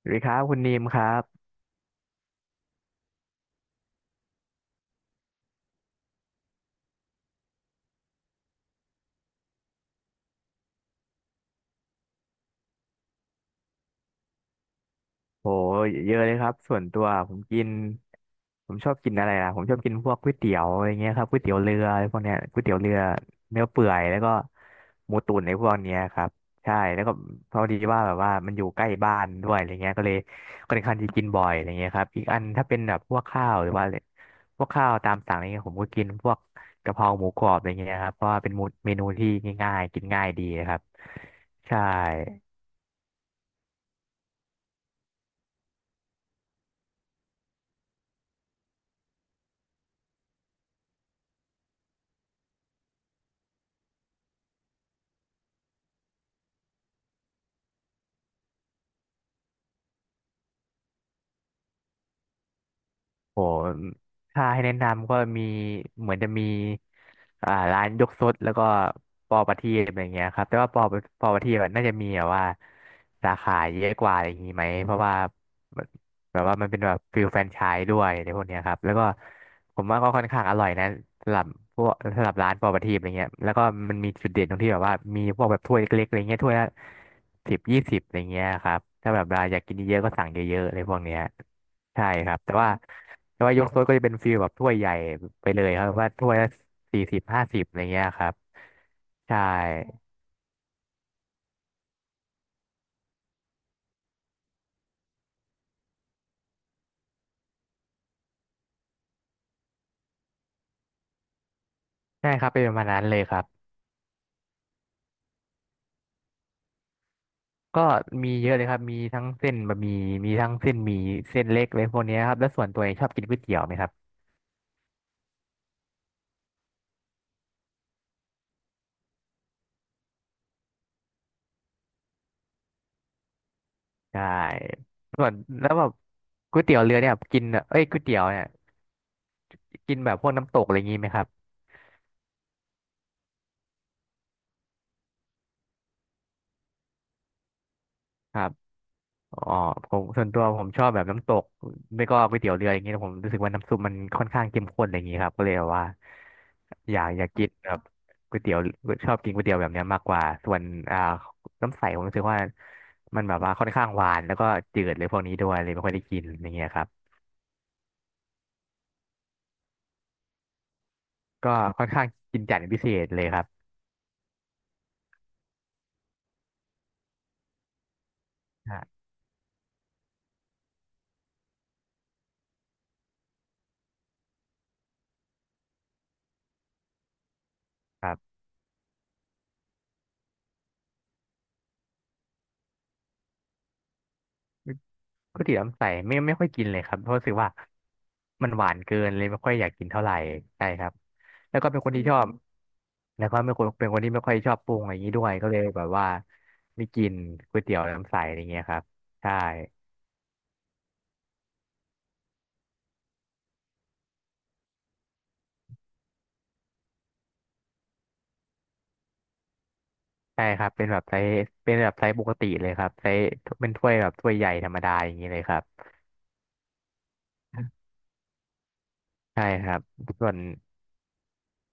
สวัสดีครับคุณนีมครับโหเยอะเลยครับส่วนตัวผมกินผมชอบกินอะไรล่ะผมชอบกินพวกก๋วยเตี๋ยวอะไรเงี้ยครับก๋วยเตี๋ยวเรืออะไรพวกเนี้ยก๋วยเตี๋ยวเรือเนื้อเปื่อยแล้วก็หมูตุ๋นในพวกเนี้ยครับใช่แล้วก็พอดีว่าแบบว่ามันอยู่ใกล้บ้านด้วยอะไรเงี้ยก็เลยค่อนข้างที่กินบ่อยอะไรเงี้ยครับอีกอันถ้าเป็นแบบพวกข้าวหรือว่าอะไรพวกข้าวตามสั่งอะไรเงี้ยผมก็กินพวกกะเพราหมูกรอบอะไรเงี้ยครับเพราะว่าเป็นเมนูที่ง่ายๆกินง่ายดีนะครับใช่ โหถ้าให้แนะนำก็มีเหมือนจะมีร้านยกซดแล้วก็ปอประทีปอะไรเงี้ยครับ แต่ว่าปอประทีปอะน่าจะมีแบบว่าสาขาเยอะกว่าอะไรอย่างงี้ไหม เพราะว่าแบบแบบว่ามันเป็นแบบฟิลแฟรนไชส์ด้วยในพวกเนี้ยครับ แล้วก็ผมว่าก็ค่อนข้างอร่อยนะสำหรับพวกสำหรับร้านปอประทีปอะไรเงี้ย แล้วก็มันมีจุดเด่นตรงที่แบบว่ามีพวกแบบถ้วยเล็กๆอะไรเงี้ยถ้วยละ10-20อะไรเงี้ยครับถ้าแบบเราอยากกินเยอะๆก็สั่งเยอะๆอะไรพวกเนี้ยใช่ครับแต่ว่า แต่ว่ายกโซดก็จะเป็นฟีลแบบถ้วยใหญ่ไปเลยครับว่าถ้วยละ40-50อะไรเงี้ยครับใช่ใช่ครับเป็นประมาณนั้นเลยครับก็มีเยอะเลยครับมีทั้งเส้นบะหมี่มีทั้งเส้นหมี่เส้นเล็กเลยพวกเนี้ยครับแล้วส่วนตัวเองชอบกินก๋วยเตี๋ยวไหมครับใช่ส่วนแล้วแบบก๋วยเตี๋ยวเรือเนี่ยกินเอ้ยก๋วยเตี๋ยวเนี่ยกินแบบพวกน้ำตกอะไรงี้ไหมครับครับ อ๋อผมส่วนตัวผมชอบแบบน้ำตกไม่ก็ก๋วยเตี๋ยวเรืออย่างเงี้ยผมรู้สึกว่าน้ำซุปมันค่อนข้างเข้มข้นอะไรอย่างงี้ครับก็เลยแบบว่าอยากกินแบบก๋วยเตี๋ยวชอบกินก๋วยเตี๋ยวแบบเนี้ยมากกว่าส่วนอ่าน้ำใสผมรู้สึกว่ามันแบบว่าค่อนข้างหวานแล้วก็จืดเลยพวกนี้ด้วยเลยไม่ค่อยได้กินอย่างเงี้ยครับก็ค่อนข้างกินจัดเป็นพิเศษเลยครับอ่าครับ ปกติน้ำใสไม่ค่อยกินเลยครับเพราะรู้สึกว่ามันหวานเกินเลยไม่ค่อยอยากกินเท่าไหร่ใช่ครับแล้วก็เป็นคนอืที่ชอมบมแล้วก็เป็นคนที่ไม่ค่อยชอบปรุงอะไรอย่างนี้ด้วยก็เลยแบบว่าไม่กินก๋วยเตี๋ยวน้ำใสอะไรเงี้ยครับใช่ใช่ครับเป็นแบบไซส์เป็นแบบไซส์ปกติเลยครับไซส์เป็นถ้วยแบบถ้วยใหญ่ธรรมดาอย่างนี้เลยครับใช่ครับส่วน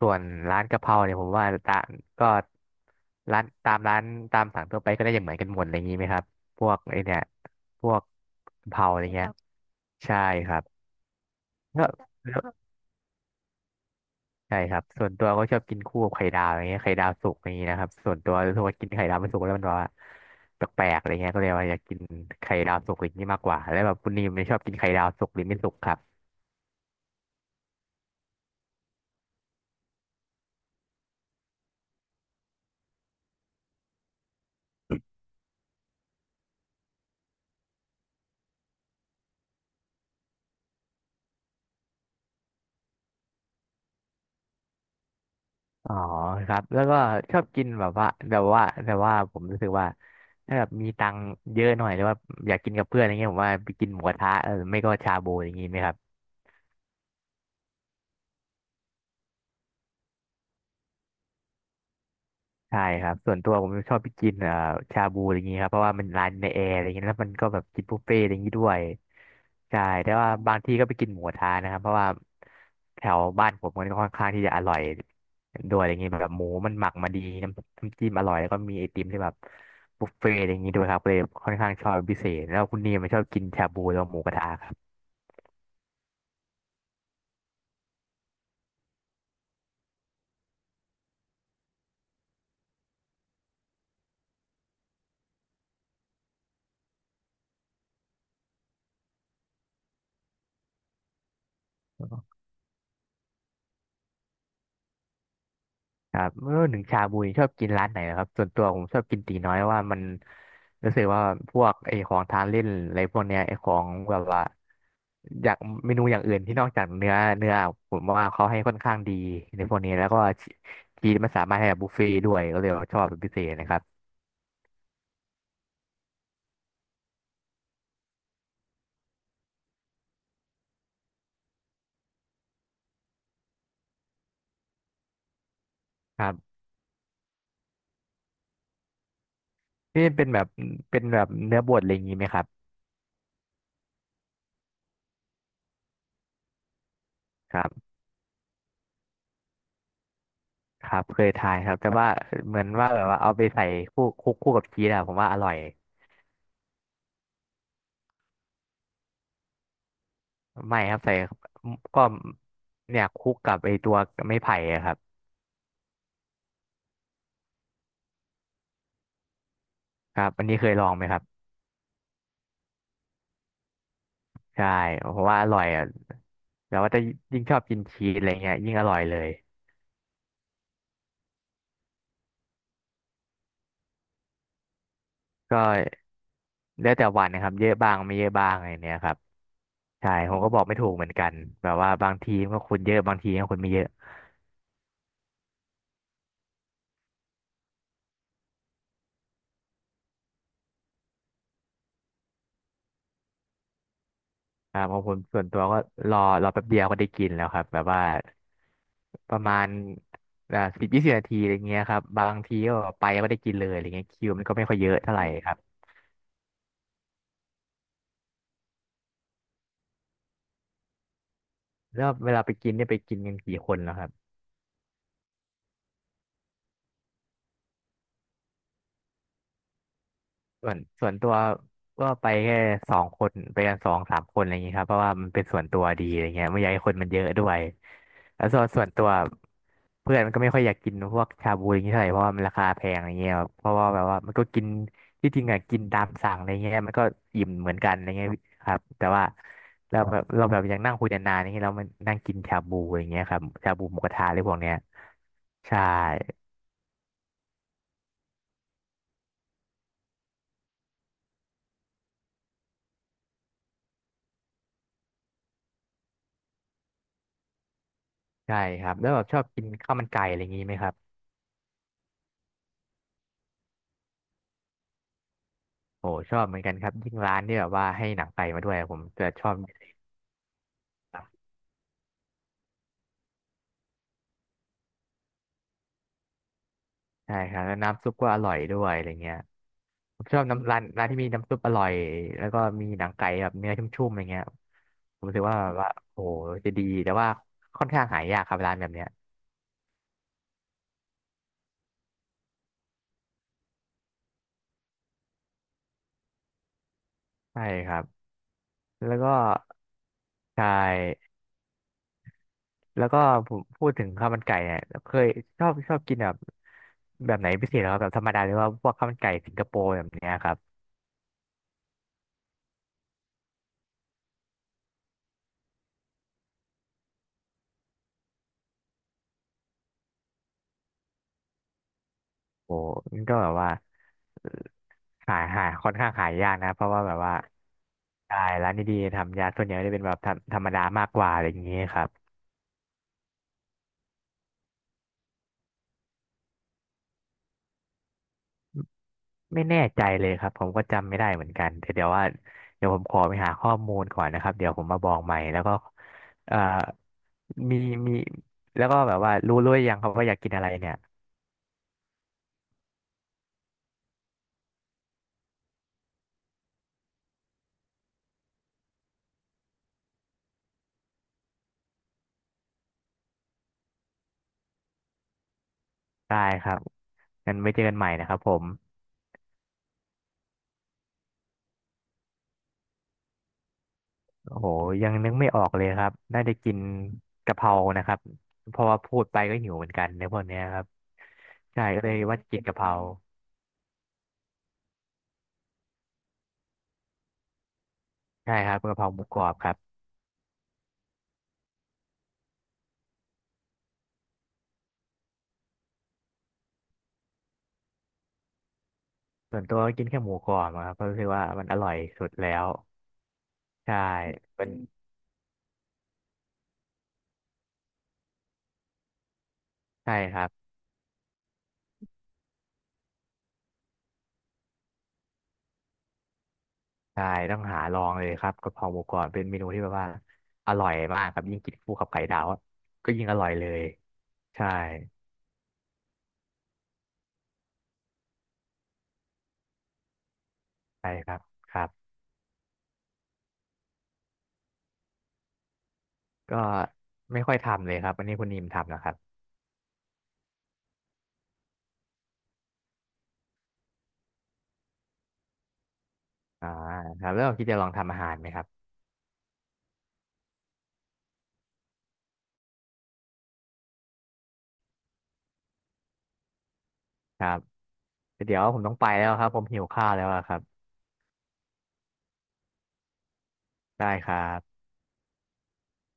ส่วนร้านกะเพราเนี่ยผมว่าตาก็ร้านตามร้านตามสั่งทั่วไปก็ได้อย่างเหมือนกันหมดอะไรอย่างนี้ไหมครับพวกไอเนี่ยพวกกะเพราอะไรเงี้ยอใช่ครับแล้วแล้วใช่ครับส่วนตัวก็ชอบกินคู่กับไข่ดาวอะไรเงี้ยไข่ดาวสุกอย่างนี้นะครับส่วนตัวรู้สึกว่ากินไข่ดาวไม่สุกแล้วมันแบบว่าแปลกๆอะไรเงี้ยก็เลยว่าอยากกินไข่ดาวสุกอย่างนี้มากกว่าแล้วแบบคุณนิมเนี่ยชอบกินไข่ดาวสุกหรือไม่สุกครับ อ๋อครับแล้วก็ชอบกินแบบว่าแต่ว่าผมรู้สึกว่าถ้าแบบมีตังค์เยอะหน่อยหรือว่าอยากกินกับเพื่อนอะไรเงี้ยผมว่าไปกินหมูกระทะเออไม่ก็ชาบูอย่างงี้ไหมครับ ใช่ครับส่วนตัวผมชอบไปกินชาบูอะไรอย่างงี้ครับเพราะว่ามันร้านในแอร์อะไรอย่างงี้แล้วมันก็แบบกินบุฟเฟ่ต์อะไรอย่างงี้ด้วยใช่แต่ว่าบางที่ก็ไปกินหมูกระทะนะครับเพราะว่าแถวบ้านผมมันก็ค่อนข้างที่จะอร่อยด้วยอะไรอย่างงี้แบบหมูมันหมักมาดีน้ำจิ้มอร่อยแล้วก็มีไอติมที่แบบบุฟเฟ่ต์อะไรอย่างงี้ด้วยครับเลยค่อนข้างชอบเป็นพิเศษแล้วคุณนีมันชอบกินชาบูแล้วหมูกระทะครับ ครับเมื่อหนึงชาบูนี่ชอบกินร้านไหนเหรอครับส่วนตัวผมชอบกินตีน้อยเพราะว่ามันรู้สึกว่าพวกไอ้ของทานเล่นอะไรพวกเนี้ยไอ้ของแบบว่าอยากเมนูอย่างอื่นที่นอกจากเนื้อผมว่าเขาให้ค่อนข้างดีในพวกนี้แล้วก็ชีสมันสามารถให้แบบบุฟเฟ่ต์ด้วยก็เลยว่าชอบเป็นพิเศษนะครับครับนี่เป็นแบบเป็นแบบเนื้อบดอะไรอย่างนี้ไหมครับครับครับเคยทานครับแต่ว่าเหมือนว่าแบบว่าเอาไปใส่คู่คุกคู่กับชีสอะผมว่าอร่อย ไม่ครับใส่ก็เนี่ยคลุกกับไอตัวไม้ไผ่อะครับครับอันนี้เคยลองไหมครับใช่เพราะว่าอร่อยอ่ะแต่ว่าจะยิ่งชอบกินชีสอะไรเงี้ยยิ่งอร่อยเลยก็แล้วแต่วันนะครับเยอะบ้างไม่เยอะบ้างอะไรเนี้ยครับใช่ผมก็บอกไม่ถูกเหมือนกันแบบว่าบางทีมันก็คนเยอะบางทีก็คนไม่เยอะครับของผมส่วนตัวก็รอแป๊บเดียวก็ได้กินแล้วครับแบบว่าประมาณ10-20นาทีอะไรเงี้ยครับบางทีก็ไปก็ไม่ได้กินเลยอะไรเงี้ยคิวมันก็ไม่ค่อยเยอะเท่าไหร่ครับ แล้วเวลาไปกินเนี่ยไปกินกันกี่คนแล้วครับส่วนตัวก็ไปแค่2 คนไปกัน2-3 คนอะไรอย่างงี้ครับเพราะว่ามันเป็นส่วนตัวดีอะไรเงี้ยไม่อยากให้คนมันเยอะด้วยแล้วส่วนตัวเพื่อนมันก็ไม่ค่อยอยากกินพวกชาบูอย่างงี้เท่าไหร่เพราะว่ามันราคาแพงอะไรเงี้ยครับเพราะว่าแบบว่ามันก็กินที่จริงอะกินตามสั่งอะไรเงี้ยมันก็อิ่มเหมือนกันอะไรเงี้ยครับแต่ว่าเราแบบยังนั่งคุยนานๆอย่างเงี้ยเรามันนั่งกินชาบูอย่างเงี้ยครับชาบูหมูกระทะอะไรพวกเนี้ยใช่ ใช่ครับแล้วแบบชอบกินข้าวมันไก่อะไรอย่างนี้ไหมครับโอ้ชอบเหมือนกันครับยิ่งร้านที่แบบว่าให้หนังไก่มาด้วยผมจะชอบครับใช่ครับแล้วน้ำซุปก็อร่อยด้วยอะไรเงี้ยผมชอบน้ำร้านที่มีน้ำซุปอร่อยแล้วก็มีหนังไก่แบบเนื้อชุ่มๆอะไรเงี้ยผมรู้สึกว่าแบบว่าโอ้จะดีแต่ว่าค่อนข้างหายากครับร้านแบบเนี้ยใช่ครับแล้วก็ใช่แล้วก็ผมพูดถึงข้าวมันไก่เนี่ยเคยชอบกินแบบแบบไหนพิเศษเหรอครับแบบธรรมดาหรือว่าพวกข้าวมันไก่สิงคโปร์แบบเนี้ยครับ โอ้มันก็แบบว่าเอ่อหาค่อนข้างหายากนะเพราะว่าแบบว่าใช่ร้านดีๆทำยาส่วนใหญ่กจะเป็นแบบธรรมดามากกว่าอะไรอย่างนี้ครับไม่แน่ใจเลยครับผมก็จำไม่ได้เหมือนกันแต่เดี๋ยวว่าเดี๋ยวผมขอไปหาข้อมูลก่อนนะครับเดี๋ยวผมมาบอกใหม่แล้วก็เอ่อมีมีแล้วก็แบบว่ารู้หรือยังครับว่าอยากกินอะไรเนี่ยได้ครับงั้นไว้เจอกันใหม่นะครับผม โอ้โหยังนึกไม่ออกเลยครับน่าจะกินกะเพรานะครับเพราะว่าพูดไปก็หิวเหมือนกันในพวกเนี้ยครับใช่ก็เลยว่ากินกะเพราใช่ครับกะเพราหมูกรอบครับส่วนตัวก็กินแค่หมูกรอบอะครับเพราะรู้สึกว่ามันอร่อยสุดแล้วใช่เป็นใช่ครับใช่ต้องหาลองเลยครับกะเพราหมูกรอบเป็นเมนูที่แบบว่าอร่อยมากครับยิ่งกินคู่กับไข่ดาวอะก็ยิ่งอร่อยเลยใช่ใช่ครับครับก็ไม่ค่อยทำเลยครับอันนี้คุณนิมทำนะครับ อ่าครับแล้วคิดจะลองทำอาหารไหมครับครับเดี๋ยวผมต้องไปแล้วครับผมหิวข้าวแล้วอะครับได้ครับ